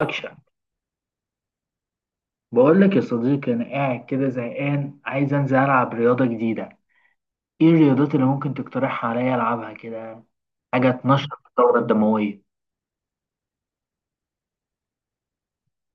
أكشن. بقول لك يا صديقي أنا قاعد كده زهقان، عايز أنزل ألعب رياضة جديدة. إيه الرياضات اللي ممكن تقترحها عليا ألعبها كده؟ حاجة تنشط الدورة الدموية.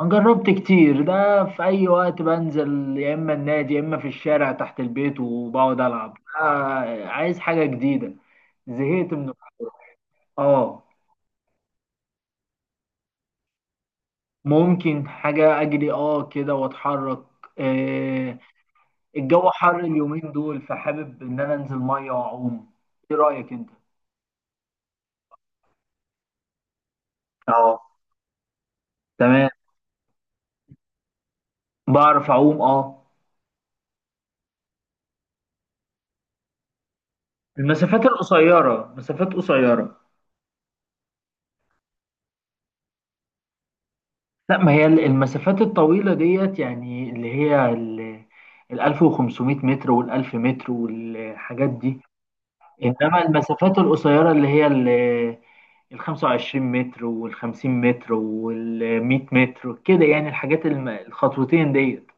أنا جربت كتير ده، في أي وقت بنزل، يا إما النادي يا إما في الشارع تحت البيت وبقعد ألعب. عايز حاجة جديدة. زهقت من الكورة. آه. ممكن حاجة أجري كده وأتحرك. آه. الجو حر اليومين دول، فحابب إن أنا أنزل مية وأعوم. إيه رأيك أنت؟ تمام. بعرف اعوم، اه. المسافات القصيره، مسافات قصيره. لا، ما هي المسافات الطويله ديت يعني اللي هي ال 1500 متر وال 1000 متر والحاجات دي. انما المسافات القصيره اللي هي ال 25 متر وال 50 متر وال 100 متر كده، يعني الحاجات الخطوتين ديت.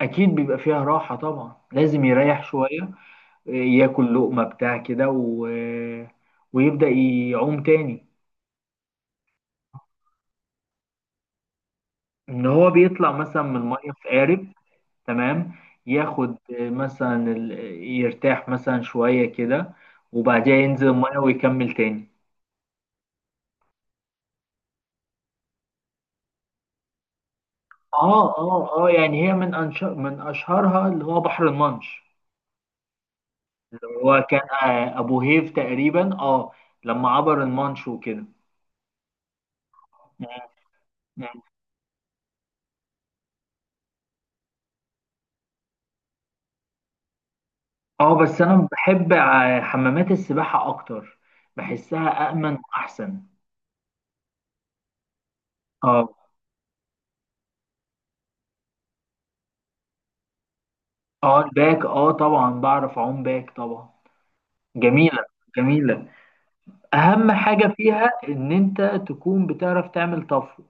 اكيد بيبقى فيها راحه طبعا، لازم يريح شويه، ياكل لقمه بتاع كده و... ويبدا يعوم تاني. ان هو بيطلع مثلا من الميه في قارب. تمام. ياخد مثلا يرتاح مثلا شويه كده وبعدها ينزل الميه ويكمل تاني. اه اه اه، يعني هي من اشهرها اللي هو بحر المانش. اللي هو كان، ابو هيف تقريبا، اه، لما عبر المانش وكده. مم. اه بس انا بحب حمامات السباحه اكتر. بحسها امن واحسن. اه اه الباك، اه طبعا بعرف اعوم باك طبعا. جميلة. جميلة. أهم حاجة فيها إن أنت تكون بتعرف تعمل طفو.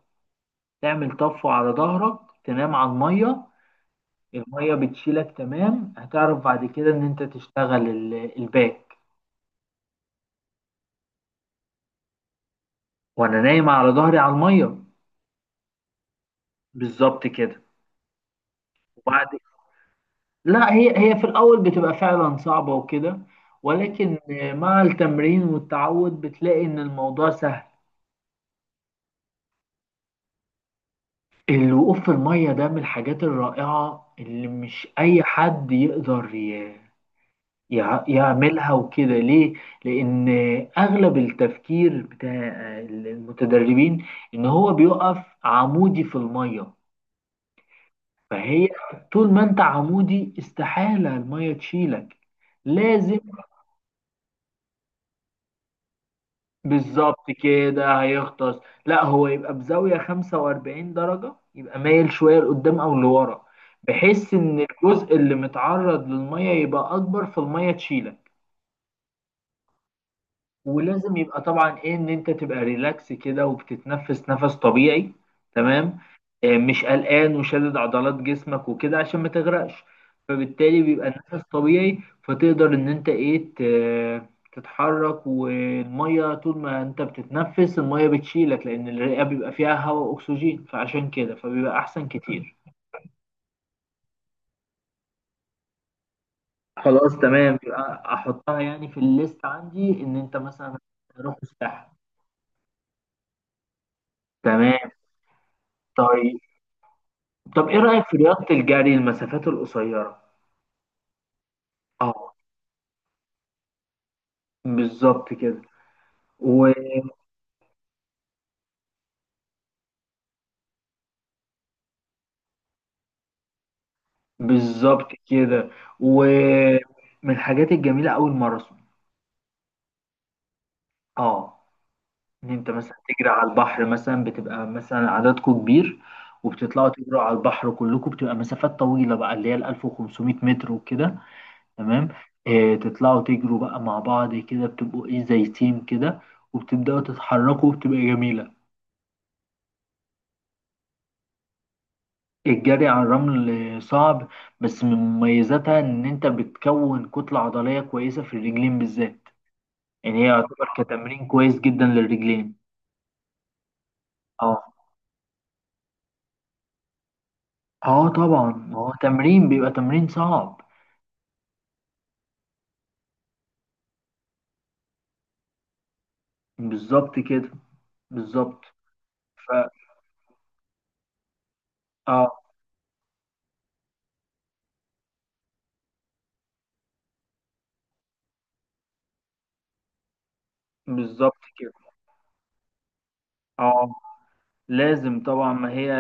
تعمل طفو على ظهرك، تنام على المية، المية بتشيلك. تمام. هتعرف بعد كده إن أنت تشتغل الباك، وأنا نايم على ظهري على المية. بالظبط كده. وبعد، لا هي في الأول بتبقى فعلا صعبة وكده، ولكن مع التمرين والتعود بتلاقي إن الموضوع سهل. الوقوف في المية ده من الحاجات الرائعة اللي مش أي حد يقدر يعملها وكده. ليه؟ لأن أغلب التفكير بتاع المتدربين إن هو بيقف عمودي في المية. فهي، طول ما أنت عمودي، استحالة المية تشيلك. لازم. بالظبط كده، هيغطس. لا، هو يبقى بزاوية 45 درجة، يبقى مايل شوية لقدام أو لورا، بحيث إن الجزء اللي متعرض للمية يبقى أكبر فالمية تشيلك. ولازم يبقى طبعا ايه، ان انت تبقى ريلاكس كده وبتتنفس نفس طبيعي. تمام. مش قلقان وشادد عضلات جسمك وكده عشان ما تغرقش، فبالتالي بيبقى النفس طبيعي. فتقدر ان انت ايه، تتحرك والميه، طول ما انت بتتنفس الميه بتشيلك لان الرئه بيبقى فيها هواء اكسجين، فعشان كده فبيبقى احسن كتير. خلاص تمام، يبقى احطها يعني في الليست عندي ان انت مثلا تروح الساحل. تمام. طيب. طب ايه رأيك في رياضة الجري، المسافات القصيرة؟ اه، بالظبط كده. وبالظبط كده. ومن الحاجات الجميلة أوي الماراثون. اه، ان انت مثلا تجري على البحر مثلا، بتبقى مثلا عددكم كبير وبتطلعوا تجروا على البحر كلكم، بتبقى مسافات طويلة بقى اللي هي ال 1500 متر وكده. تمام. آه، تطلعوا تجروا بقى مع بعض كده، بتبقوا ايه زي تيم كده، وبتبدأوا تتحركوا وبتبقى جميلة. الجري على الرمل صعب، بس من مميزاتها ان انت بتكون كتلة عضلية كويسة في الرجلين بالذات. يعني هي يعتبر كتمرين كويس جدا للرجلين. اه. اه طبعا، هو تمرين، بيبقى تمرين صعب. بالظبط كده. بالظبط. ف، اه، بالظبط كده. اه لازم طبعا، ما هي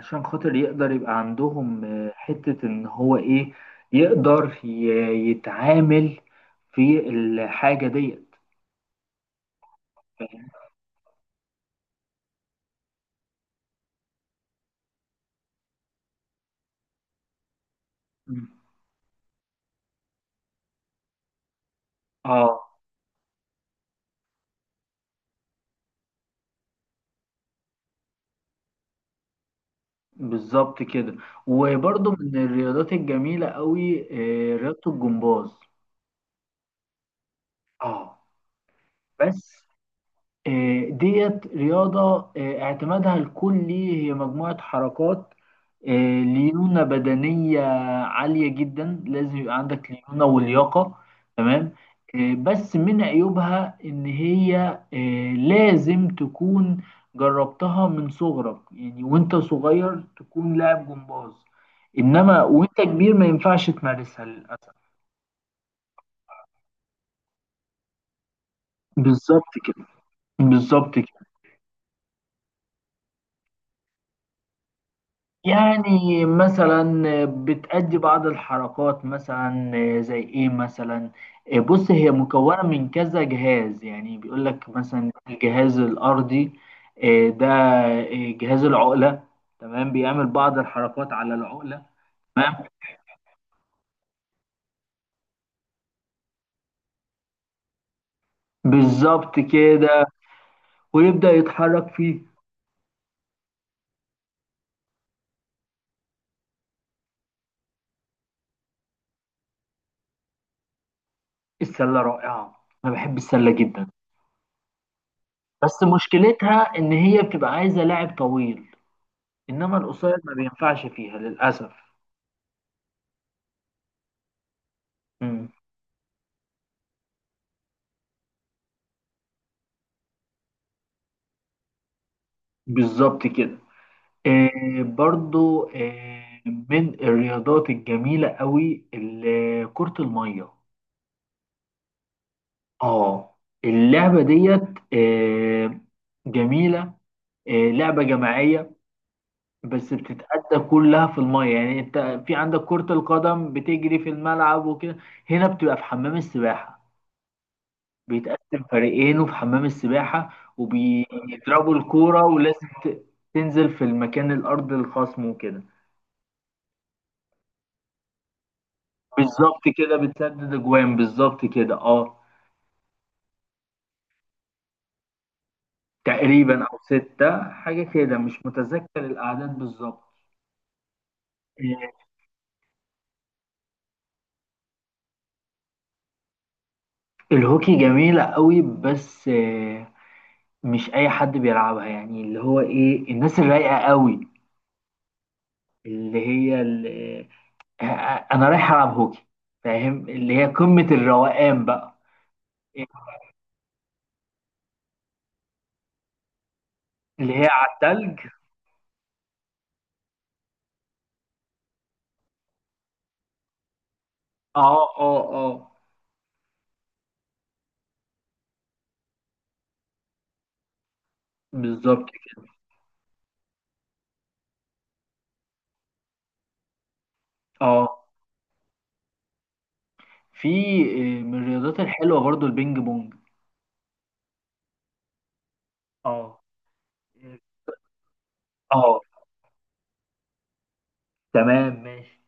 عشان خاطر يقدر يبقى عندهم حتة ان هو ايه، يقدر يتعامل في الحاجة ديت. اه بالظبط كده. وبرضه من الرياضات الجميلة قوي رياضة الجمباز. اه بس، ديت رياضة، اعتمادها الكلي هي مجموعة حركات، ليونة بدنية عالية جدا. لازم يبقى عندك ليونة ولياقة. تمام. بس من عيوبها إن هي، لازم تكون جربتها من صغرك، يعني وانت صغير تكون لاعب جمباز. إنما وانت كبير ما ينفعش تمارسها للأسف. بالظبط كده. بالظبط كده. يعني مثلا بتأدي بعض الحركات مثلا، زي ايه مثلا؟ بص، هي مكونة من كذا جهاز، يعني بيقول لك مثلا الجهاز الأرضي، ده، جهاز العقلة. تمام، بيعمل بعض الحركات على العقلة. تمام. بالظبط كده، ويبدأ يتحرك فيه. السلة رائعة، أنا بحب السلة جدا. بس مشكلتها إن هي بتبقى عايزة لاعب طويل، إنما القصير ما بينفعش فيها للأسف. بالظبط كده. آه برضو، آه من الرياضات الجميلة قوي كرة المية. اه. اللعبة ديت، آه، جميلة، آه لعبة جماعية. بس بتتأدى كلها في المية. يعني انت في عندك كرة القدم بتجري في الملعب وكده، هنا بتبقى في حمام السباحة. بيتقسم فريقين، وفي حمام السباحة وبيضربوا الكورة ولازم تنزل في المكان الأرض الخصم وكده. بالظبط كده، بتسدد اجوان، بالظبط كده اه. تقريبا او ستة، حاجة كده، مش متذكر الاعداد بالظبط. آه، الهوكي جميلة قوي، بس مش اي حد بيلعبها، يعني اللي هو ايه، الناس الرايقة قوي، اللي هي اللي، انا رايح العب هوكي. فاهم؟ اللي هي قمة الروقان بقى. اللي هي على التلج. اه اه اه، بالظبط كده. اه. في من الرياضات الحلوة برضو البينج بونج. اه. اه تمام ماشي.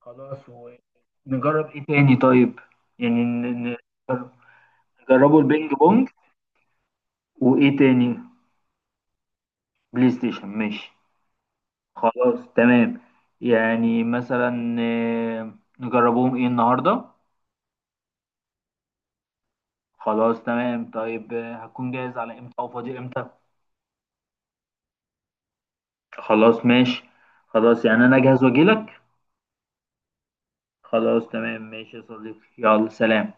خلاص، ونجرب ايه تاني طيب؟ يعني نجربوا البينج بونج. وايه تاني؟ بلاي ستيشن، ماشي. خلاص تمام. يعني مثلا، نجربوهم ايه النهارده؟ خلاص تمام. طيب، هتكون جاهز على امتى، او فاضي امتى؟ خلاص ماشي. خلاص، يعني انا جاهز واجيلك. خلاص تمام، ماشي يا صديقي، يلا سلام.